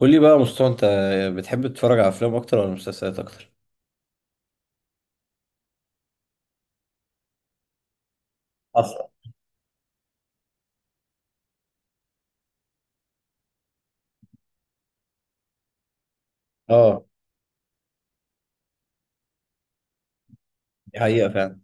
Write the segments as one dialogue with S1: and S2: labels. S1: قول لي بقى يا مصطفى، انت بتحب تتفرج على افلام اكتر ولا مسلسلات اكتر؟ اصلا. اه، دي حقيقة فعلا.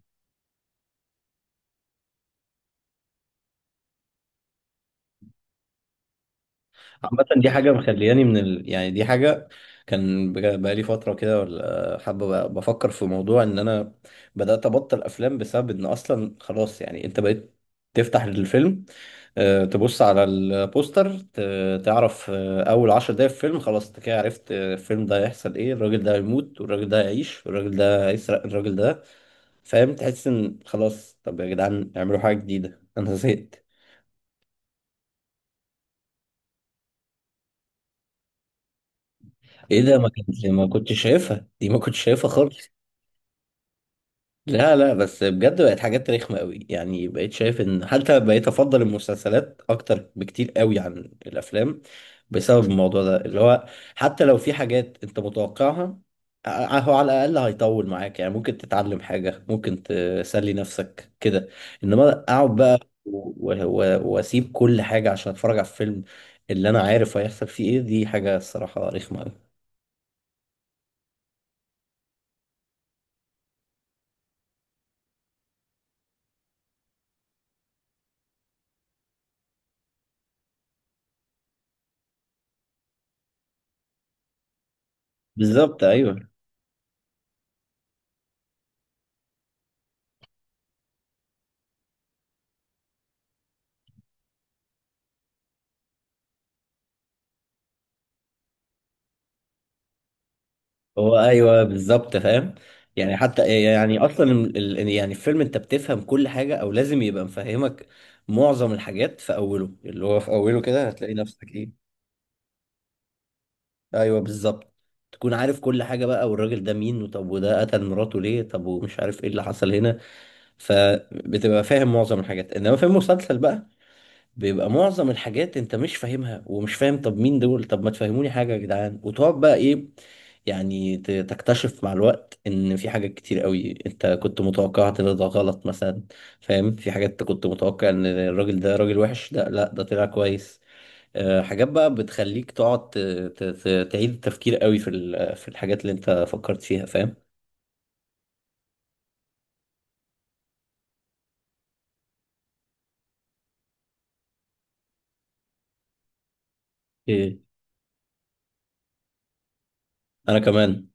S1: عامة دي حاجة مخلياني من يعني دي حاجة كان بقالي فترة كده، ولا حابة بفكر في موضوع ان انا بدأت ابطل افلام بسبب ان اصلا خلاص. يعني انت بقيت تفتح الفيلم، تبص على البوستر، تعرف اول عشر دقايق في الفيلم خلاص انت كده عرفت الفيلم ده هيحصل ايه. الراجل ده هيموت، والراجل ده هيعيش، والراجل ده هيسرق الراجل ده، فاهم. تحس ان خلاص، طب يا جدعان اعملوا حاجه جديده. انا زهقت. ايه ده، ما كنتش شايفها دي، ما كنتش شايفها خالص. لا لا، بس بجد بقت حاجات رخمة قوي. يعني بقيت شايف ان حتى بقيت افضل المسلسلات اكتر بكتير قوي عن الافلام بسبب الموضوع ده، اللي هو حتى لو في حاجات انت متوقعها، هو على الاقل هيطول معاك، يعني ممكن تتعلم حاجة، ممكن تسلي نفسك كده. انما اقعد بقى واسيب كل حاجة عشان اتفرج على الفيلم اللي انا عارف هيحصل فيه ايه، دي حاجة الصراحة رخمة قوي. بالظبط ايوه. هو ايوه بالظبط، فاهم. يعني حتى يعني اصلا يعني الفيلم انت بتفهم كل حاجه، او لازم يبقى مفهمك معظم الحاجات في اوله، اللي هو في اوله كده هتلاقي نفسك ايه. ايوه بالظبط. تكون عارف كل حاجه بقى، والراجل ده مين، وطب وده قتل مراته ليه، طب ومش عارف ايه اللي حصل هنا. فبتبقى فاهم معظم الحاجات، انما في المسلسل بقى بيبقى معظم الحاجات انت مش فاهمها، ومش فاهم طب مين دول، طب ما تفهموني حاجة يا جدعان، وتقعد بقى ايه. يعني تكتشف مع الوقت ان في حاجات كتير قوي انت كنت متوقعها ان ده غلط مثلا، فاهم. في حاجات انت كنت متوقع ان الراجل ده راجل وحش، لا لا ده طلع كويس. اه، حاجات بقى بتخليك تقعد تعيد التفكير قوي في في الحاجات اللي انت فكرت فيها، فاهم. ايه، انا كمان.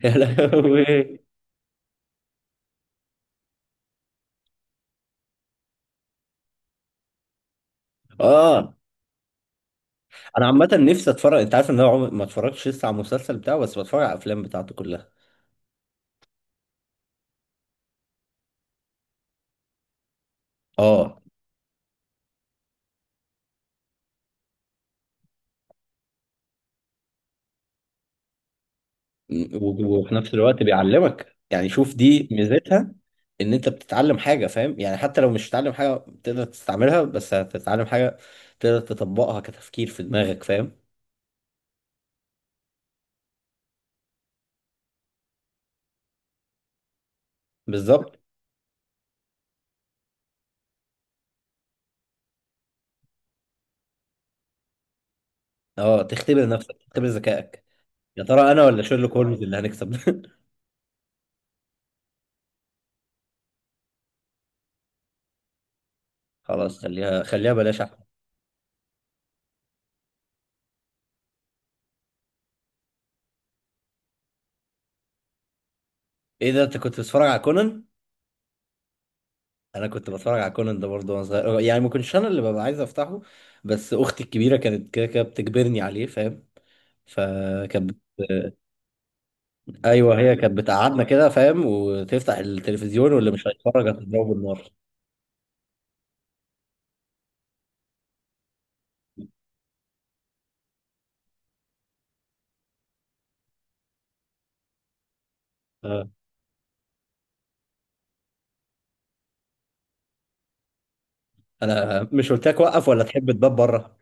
S1: يا لهوي. اه، انا عامه نفسي اتفرج. انت عارف ان انا عمري ما اتفرجتش لسه على المسلسل بتاعه؟ بس بتفرج على الافلام بتاعته كلها. اه. وفي نفس الوقت بيعلمك. يعني شوف، دي ميزتها ان انت بتتعلم حاجه، فاهم. يعني حتى لو مش هتتعلم حاجه تقدر تستعملها، بس هتتعلم حاجه تقدر تطبقها كتفكير في دماغك، فاهم. بالظبط. اه، تختبر نفسك، تختبر ذكائك. يا ترى انا ولا شيرلوك هولمز اللي هنكسب؟ خلاص، خليها خليها بلاش احمد. ايه ده، انت كنت بتتفرج على كونان؟ انا كنت بتفرج على كونان ده برضه وانا صغير. يعني ما كنتش انا اللي ببقى عايز افتحه، بس اختي الكبيره كانت كده كده بتجبرني عليه، فاهم. فكانت بت... ايوه، هي كانت بتقعدنا كده فاهم، وتفتح التلفزيون واللي مش هيتفرج هتضربه بالنار. آه. انا مش قلت لك وقف ولا تحب تباب بره.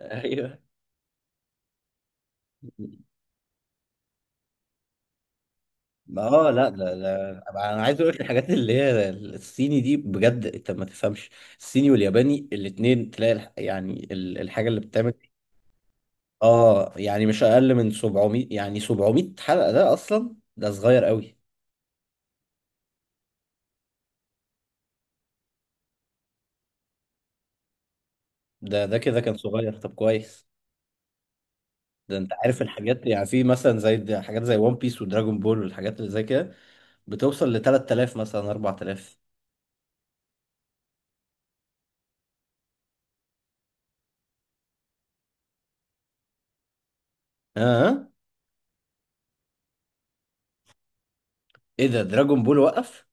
S1: ايوه. ما اه لا لا لا، انا عايز اقول لك الحاجات اللي هي الصيني دي بجد انت ما تفهمش. الصيني والياباني الاتنين، تلاقي يعني الحاجه اللي بتتعمل، اه، يعني مش اقل من 700. يعني 700 حلقة ده اصلا ده صغير قوي. ده كده كان صغير، طب كويس. ده انت عارف الحاجات، يعني في مثلا زي حاجات زي ون بيس ودراجون بول والحاجات اللي زي كده بتوصل ل 3000 مثلا 4000. ها آه. ايه ده، دراجون بول وقف؟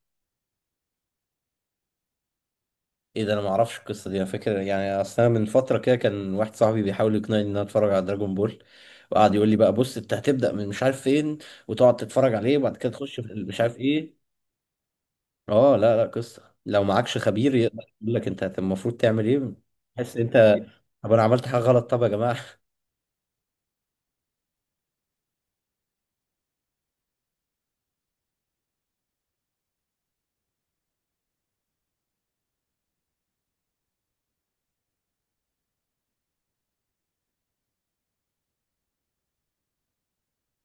S1: ايه ده، انا ما اعرفش القصة دي. انا فاكر يعني اصلا من فترة كده كان واحد صاحبي بيحاول يقنعني ان انا اتفرج على دراجون بول، وقعد يقول لي بقى بص انت هتبدأ من مش عارف فين، وتقعد تتفرج عليه وبعد كده تخش في مش عارف ايه. اه لا لا، قصة لو معكش خبير يقدر يقول لك انت المفروض تعمل ايه، تحس انت طب انا عملت حاجة غلط، طب يا جماعة.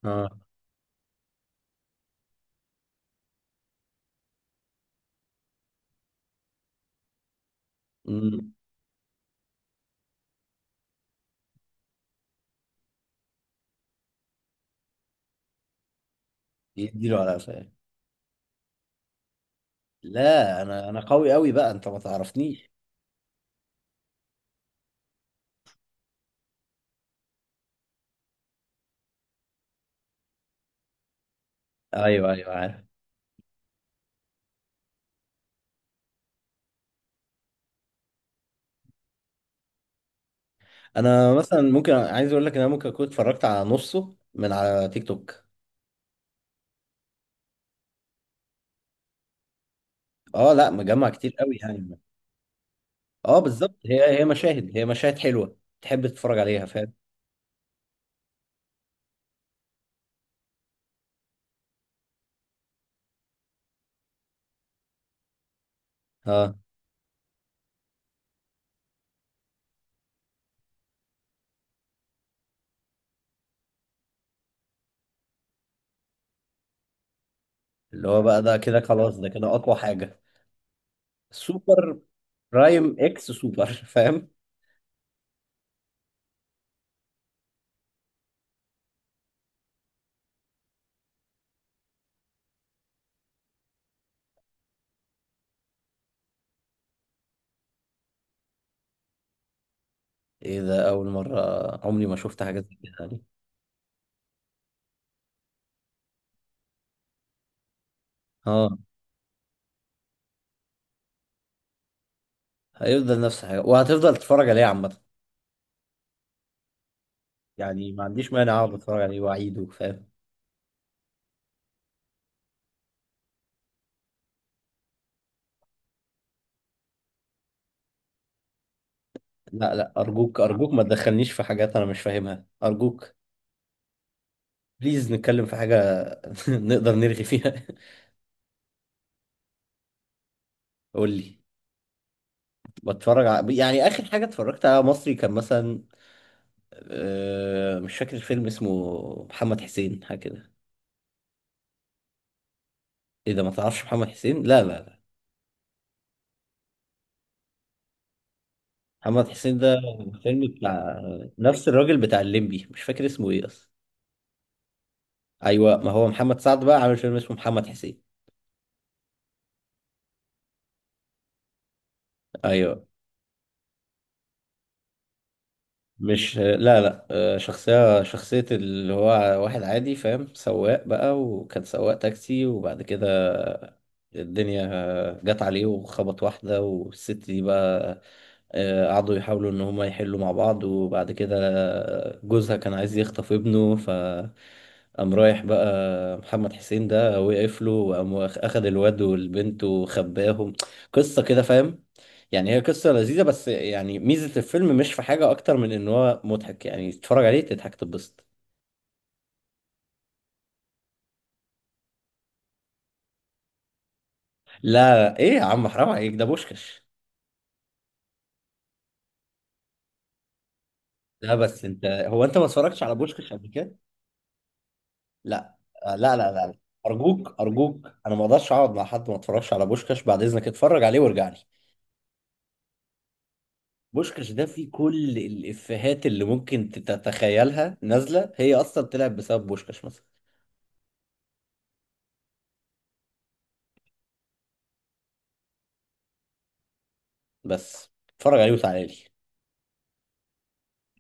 S1: اه. أمم. يديله على قفاه. لا، انا قوي قوي بقى، انت ما تعرفنيش. ايوه ايوه عارف. انا مثلا ممكن عايز اقول لك ان انا ممكن اكون اتفرجت على نصه من على تيك توك. اه لا، مجمع كتير قوي يعني. اه بالظبط، هي مشاهد، هي مشاهد حلوة تحب تتفرج عليها، فاهم. اه، اللي هو بقى ده كده خلاص، ده كده اقوى حاجة. سوبر برايم اكس سوبر. فاهم. ايه ده، اول مره عمري ما شفت حاجه زي كده يعني. اه، هيفضل نفس الحاجه، وهتفضل تتفرج عليه عامه. يعني ما عنديش مانع اقعد اتفرج عليه واعيده، فاهم. لا لا، ارجوك ارجوك ما تدخلنيش في حاجات انا مش فاهمها، ارجوك. بليز نتكلم في حاجه نقدر نرغي فيها. قول لي. يعني اخر حاجه اتفرجت على مصري كان مثلا، مش فاكر الفيلم اسمه، محمد حسين حاجه كده. ايه ده، ما تعرفش محمد حسين؟ لا لا، محمد حسين ده فيلم بتاع نفس الراجل بتاع الليمبي، مش فاكر اسمه ايه اصلا. ايوه، ما هو محمد سعد بقى عامل فيلم اسمه محمد حسين. ايوه. مش لا لا، شخصية اللي هو واحد عادي فاهم، سواق بقى، وكان سواق تاكسي، وبعد كده الدنيا جت عليه وخبط واحدة، والست دي بقى قعدوا يحاولوا إن هما يحلوا مع بعض، وبعد كده جوزها كان عايز يخطف ابنه، ف قام رايح بقى محمد حسين ده وقف له، وقام أخد الواد والبنت وخباهم. قصة كده فاهم. يعني هي قصة لذيذة، بس يعني ميزة الفيلم مش في حاجة أكتر من إن هو مضحك، يعني تتفرج عليه تضحك تتبسط. لا إيه يا عم، حرام عليك، ده بوشكش. لا بس أنت، هو أنت ما اتفرجتش على بوشكش قبل كده؟ لا آه، لا لا لا، أرجوك أرجوك أنا ما أقدرش أقعد مع حد ما اتفرجش على بوشكش، بعد إذنك اتفرج عليه وارجع لي. بوشكش ده فيه كل الإفيهات اللي ممكن تتخيلها نازلة، هي أصلا طلعت بسبب بوشكش مثلا. بس اتفرج عليه وتعالى لي.